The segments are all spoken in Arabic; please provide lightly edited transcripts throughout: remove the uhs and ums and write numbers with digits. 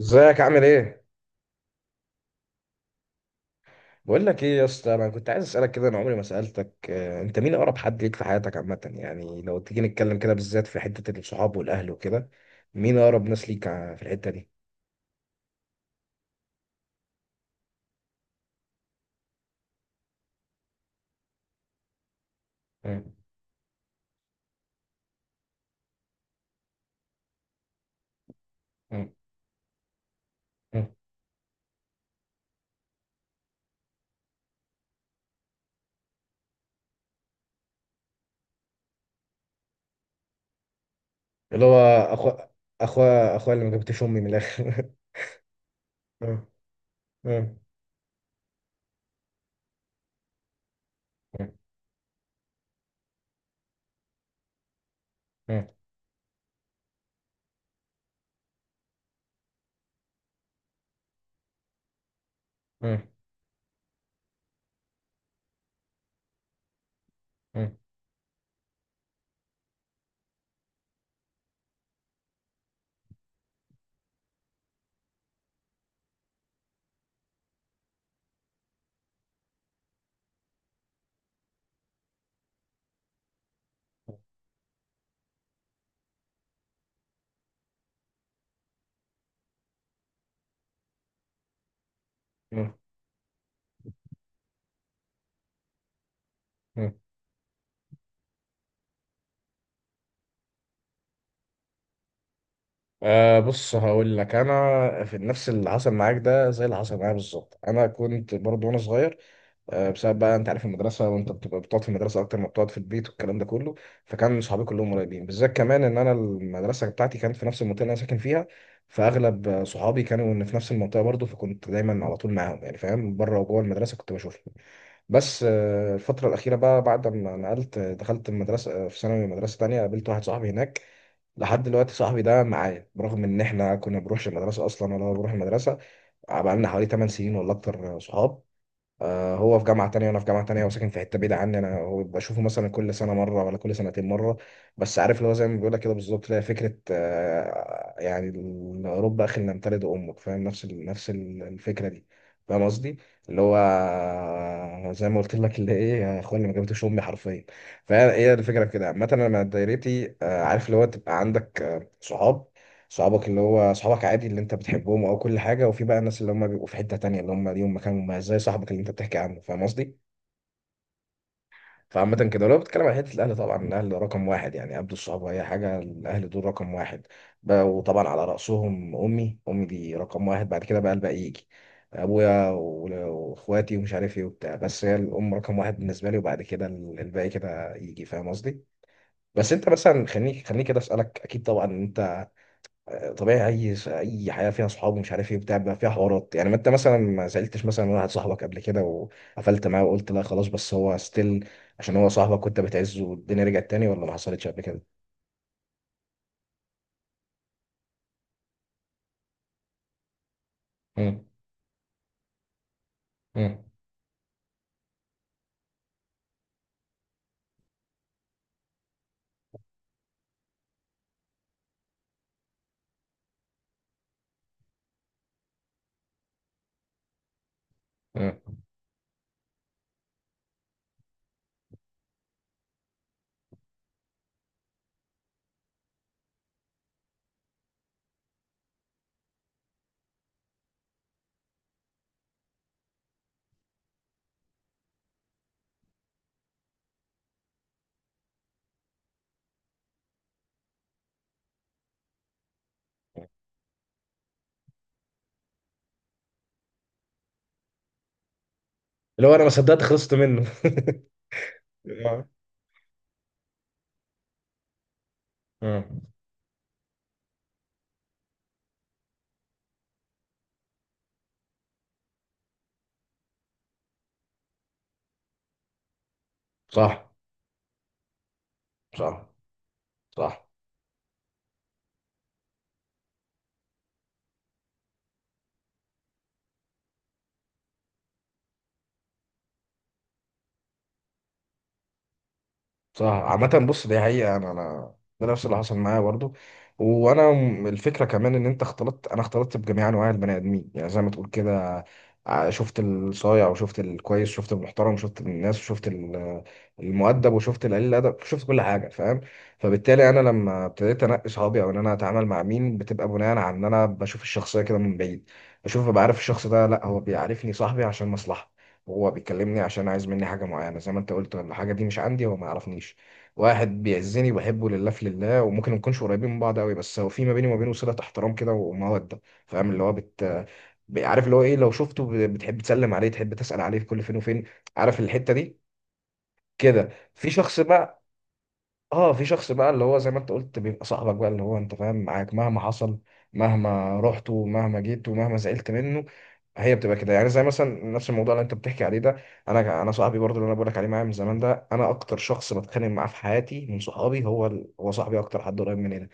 ازيك عامل ايه؟ بقول لك ايه يا اسطى، انا كنت عايز اسالك كده، انا عمري ما سالتك. انت مين اقرب حد ليك في حياتك عامه؟ يعني لو تيجي نتكلم كده بالذات في حته الصحاب والاهل وكده، مين اقرب ناس ليك في الحته دي؟ مم. مم. مم. اللي هو اخو اخو اخويا اللي ما جبتش امي من الاخر. مم. مم. مم. مم. مم. مم. مم. أه، بص هقول لك، انا في نفس اللي حصل معاك ده، زي اللي حصل معايا بالظبط. انا كنت برضه وانا صغير، بسبب بقى انت عارف المدرسه، وانت بتبقى بتقعد في المدرسه اكتر ما بتقعد في البيت والكلام ده كله. فكان صحابي كلهم قريبين، بالذات كمان ان انا المدرسه بتاعتي كانت في نفس المنطقه اللي انا ساكن فيها، فاغلب صحابي كانوا إن في نفس المنطقه برضه، فكنت دايما على طول معاهم، يعني فاهم، بره وجوه المدرسه كنت بشوفهم. بس الفتره الاخيره بقى، بعد ما نقلت، دخلت المدرسه في ثانوي، مدرسه تانية، قابلت واحد صاحبي هناك لحد دلوقتي صاحبي ده معايا، برغم ان احنا كنا بنروحش المدرسه اصلا، ولا هو بيروح المدرسه. بقى لنا حوالي 8 سنين ولا اكتر صحاب. هو في جامعة تانية وأنا في جامعة تانية وساكن في حتة بعيدة عني أنا، هو بشوفه مثلا كل سنة مرة ولا كل سنتين مرة. بس عارف اللي هو زي ما بيقولك كده بالظبط، اللي هي فكرة يعني رب أخي لنمتلد أمك، فاهم، نفس الفكرة دي، فاهم قصدي. اللي هو زي ما قلت لك، اللي إيه، يا إخواني ما جابتش أمي حرفيا. فهي هي الفكرة في كده عامة، أنا من دايرتي عارف اللي هو تبقى عندك صحاب، صحابك اللي هو صحابك عادي اللي انت بتحبهم او كل حاجه. وفي بقى الناس اللي هم بيبقوا في حته تانية، اللي هم ليهم مكان مميز، زي صاحبك اللي انت بتحكي عنه، فاهم قصدي. فعامة كده لو بتتكلم عن حتة الأهل، طبعا الأهل رقم واحد يعني قبل الصحاب، أي حاجة الأهل دول رقم واحد بقى، وطبعا على رأسهم أمي، أمي دي رقم واحد، بعد كده بقى الباقي يجي، أبويا وإخواتي ومش عارف إيه وبتاع، بس هي الأم رقم واحد بالنسبة لي، وبعد كده الباقي كده يجي، فاهم قصدي. بس أنت مثلا، خليني كده أسألك، أكيد طبعا أنت طبيعي، اي حياه فيها صحاب ومش عارف ايه بتاع بيبقى فيها حوارات، يعني ما انت مثلا ما سالتش مثلا واحد صاحبك قبل كده، وقفلت معاه وقلت لا خلاص، بس هو ستيل عشان هو صاحبك كنت بتعزه، والدنيا رجعت تاني، ولا ما حصلتش قبل كده؟ مم. مم. مم. اللي هو انا ما صدقت خلصت منه. آه. آه. صح. صح. صح. صح. عامة بص، دي حقيقة، أنا ده نفس اللي حصل معايا برضو. وأنا الفكرة كمان إن أنت اختلطت، أنا اختلطت بجميع أنواع البني آدمين، يعني زي ما تقول كده، شفت الصايع وشفت الكويس، شفت المحترم، شفت الناس، وشفت المؤدب، وشفت القليل الأدب، شفت كل حاجة، فاهم. فبالتالي أنا لما ابتديت أنقي صحابي، أو إن أنا أتعامل مع مين، بتبقى بناء على إن أنا بشوف الشخصية كده من بعيد، بشوف، ببقى عارف الشخص ده. لأ هو بيعرفني صاحبي عشان مصلحة، هو بيكلمني عشان عايز مني حاجة معينة زي ما انت قلت، الحاجة دي مش عندي هو ما يعرفنيش. واحد بيعزني وبحبه لله في لله، وممكن ما نكونش قريبين من بعض قوي، بس هو في ما بيني وما بينه صلة احترام كده ومودة، فاهم اللي هو عارف اللي هو ايه، لو شفته بتحب تسلم عليه، تحب تسأل عليه في كل فين وفين، عارف الحتة دي كده. في شخص بقى اه في شخص بقى اللي هو زي ما انت قلت بيبقى صاحبك بقى، اللي هو انت فاهم، معاك مهما حصل، مهما رحت ومهما جيت ومهما زعلت منه، هي بتبقى كده. يعني زي مثلا نفس الموضوع اللي انت بتحكي عليه ده، انا صاحبي برضو اللي انا بقولك عليه معايا من زمان ده، انا اكتر شخص بتخانق معاه في حياتي من صحابي هو هو صاحبي، اكتر حد قريب مني ده.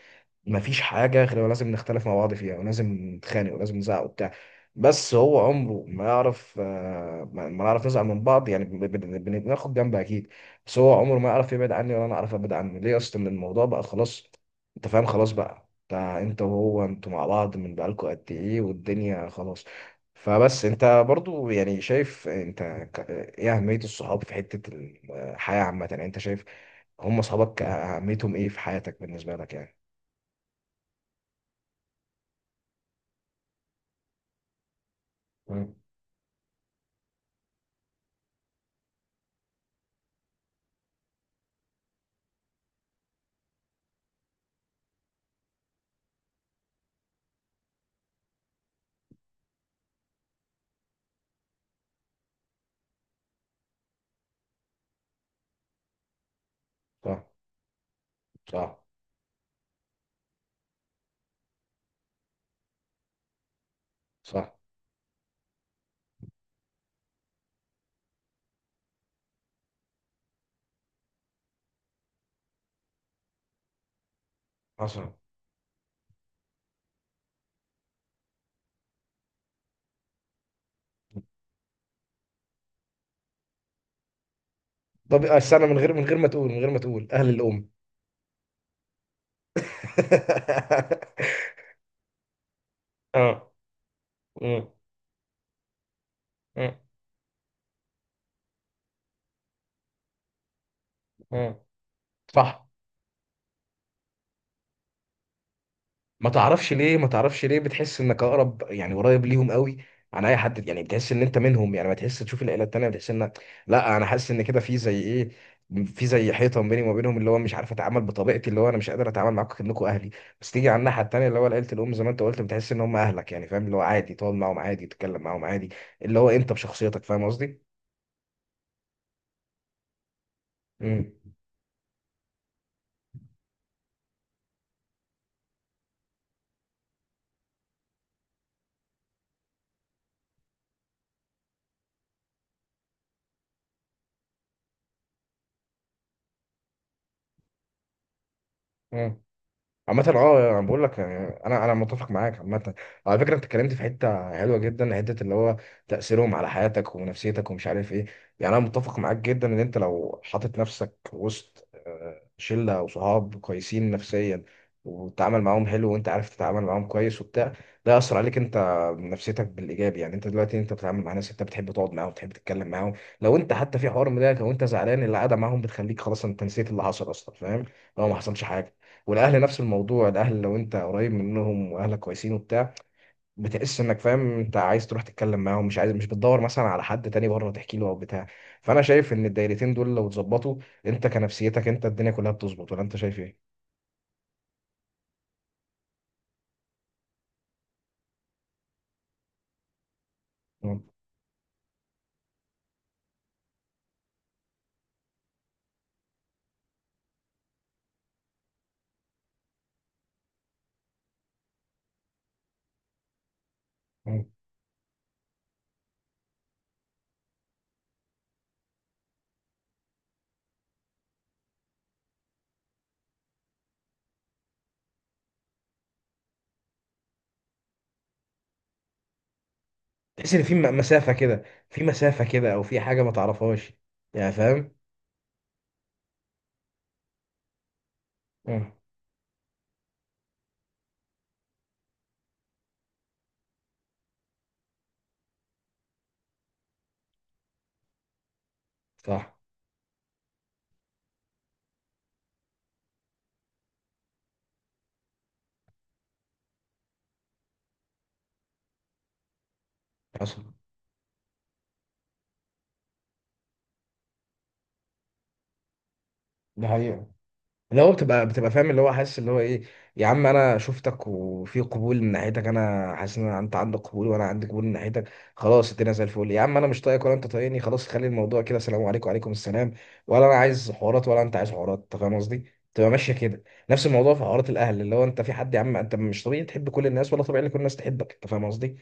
مفيش حاجة غير لازم نختلف مع بعض فيها، ولازم نتخانق ولازم نزعق وبتاع، بس هو عمره ما يعرف ما نعرف نزعل من بعض، يعني بناخد جنب أكيد، بس هو عمره ما يعرف يبعد عني ولا أنا أعرف أبعد عنه ليه أصلا، إن الموضوع بقى خلاص. أنت فاهم، خلاص بقى، أنت وهو أنتوا مع بعض من بقالكوا قد إيه، والدنيا خلاص. فبس أنت برضو يعني شايف أنت إيه أهمية الصحاب في حتة الحياة عامة، يعني أنت شايف هم صحابك أهميتهم إيه في حياتك بالنسبة لك يعني؟ مم. صح. صح. صح. حصل. طب استنى، من غير ما تقول اهل الام. اه. آه. آه. آه. صح. ما تعرفش ليه، ما تعرفش ليه بتحس انك اقرب، يعني قريب ليهم قوي عن اي حد، يعني بتحس ان انت منهم، يعني ما تحس تشوف العيله التانيه بتحس ان لا، انا حاسس ان كده في زي ايه، في زي حيطه بيني وما بينهم، اللي هو مش عارف اتعامل بطبيعتي، اللي هو انا مش قادر اتعامل معاكم كانكم اهلي. بس تيجي على الناحيه التانيه اللي هو عيله الام، زي ما انت قلت بتحس ان هم اهلك، يعني فاهم اللي هو عادي تقعد معاهم، عادي تتكلم معاهم عادي، اللي هو انت بشخصيتك، فاهم قصدي؟ امم. امم. عامة اه، انا بقول لك يعني، انا متفق معاك عامة. على فكرة انت اتكلمت في حتة حلوة جدا، حتة اللي هو تأثيرهم على حياتك ونفسيتك ومش عارف ايه، يعني انا متفق معاك جدا ان انت لو حاطط نفسك وسط شلة وصحاب كويسين نفسيا، وتتعامل معاهم حلو وانت عارف تتعامل معاهم كويس وبتاع، ده يأثر عليك انت نفسيتك بالايجاب. يعني انت دلوقتي انت بتتعامل مع ناس انت بتحب تقعد معاهم، بتحب تتكلم معاهم، لو انت حتى في حوار مضايقك او انت زعلان، القعدة معاهم بتخليك خلاص انت نسيت اللي حصل اصلا، فاهم، لو ما حصلش حاجة. والاهل نفس الموضوع، الاهل لو انت قريب منهم واهلك كويسين وبتاع، بتحس انك فاهم انت عايز تروح تتكلم معاهم، مش عايز مش بتدور مثلا على حد تاني بره تحكي له او بتاع. فانا شايف ان الدايرتين دول لو اتظبطوا، انت كنفسيتك انت الدنيا كلها بتظبط، ولا انت شايف ايه؟ مم. مم. تحس ان في مسافة كده، في مسافة كده او في حاجة ما تعرفهاش، يعني فاهم. مم. صح. حصل. ده حقيقة. اللي هو بتبقى فاهم، اللي هو حاسس اللي هو ايه، يا عم انا شفتك وفي قبول من ناحيتك، انا حاسس ان انت عندك قبول وانا عندي قبول من ناحيتك، خلاص الدنيا زي الفل. يا عم انا مش طايقك ولا انت طايقني، خلاص خلي الموضوع كده سلام عليكم وعليكم السلام، ولا انا عايز حوارات ولا انت عايز حوارات، انت فاهم قصدي، تبقى ماشيه كده. نفس الموضوع في حوارات الاهل، اللي هو انت في حد يا عم، انت مش طبيعي تحب كل الناس ولا طبيعي ان كل الناس تحبك، انت فاهم قصدي،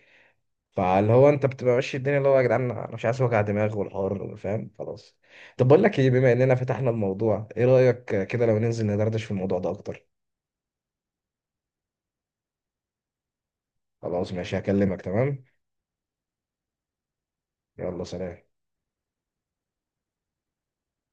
فاللي هو انت بتبقى ماشي الدنيا اللي هو يا جدعان انا مش عايز وجع دماغ والحوار، فاهم خلاص. طب بقول لك ايه، بما اننا فتحنا الموضوع، ايه رأيك كده لو ننزل ندردش في الموضوع ده اكتر؟ خلاص ماشي هكلمك، تمام. يلا سلام.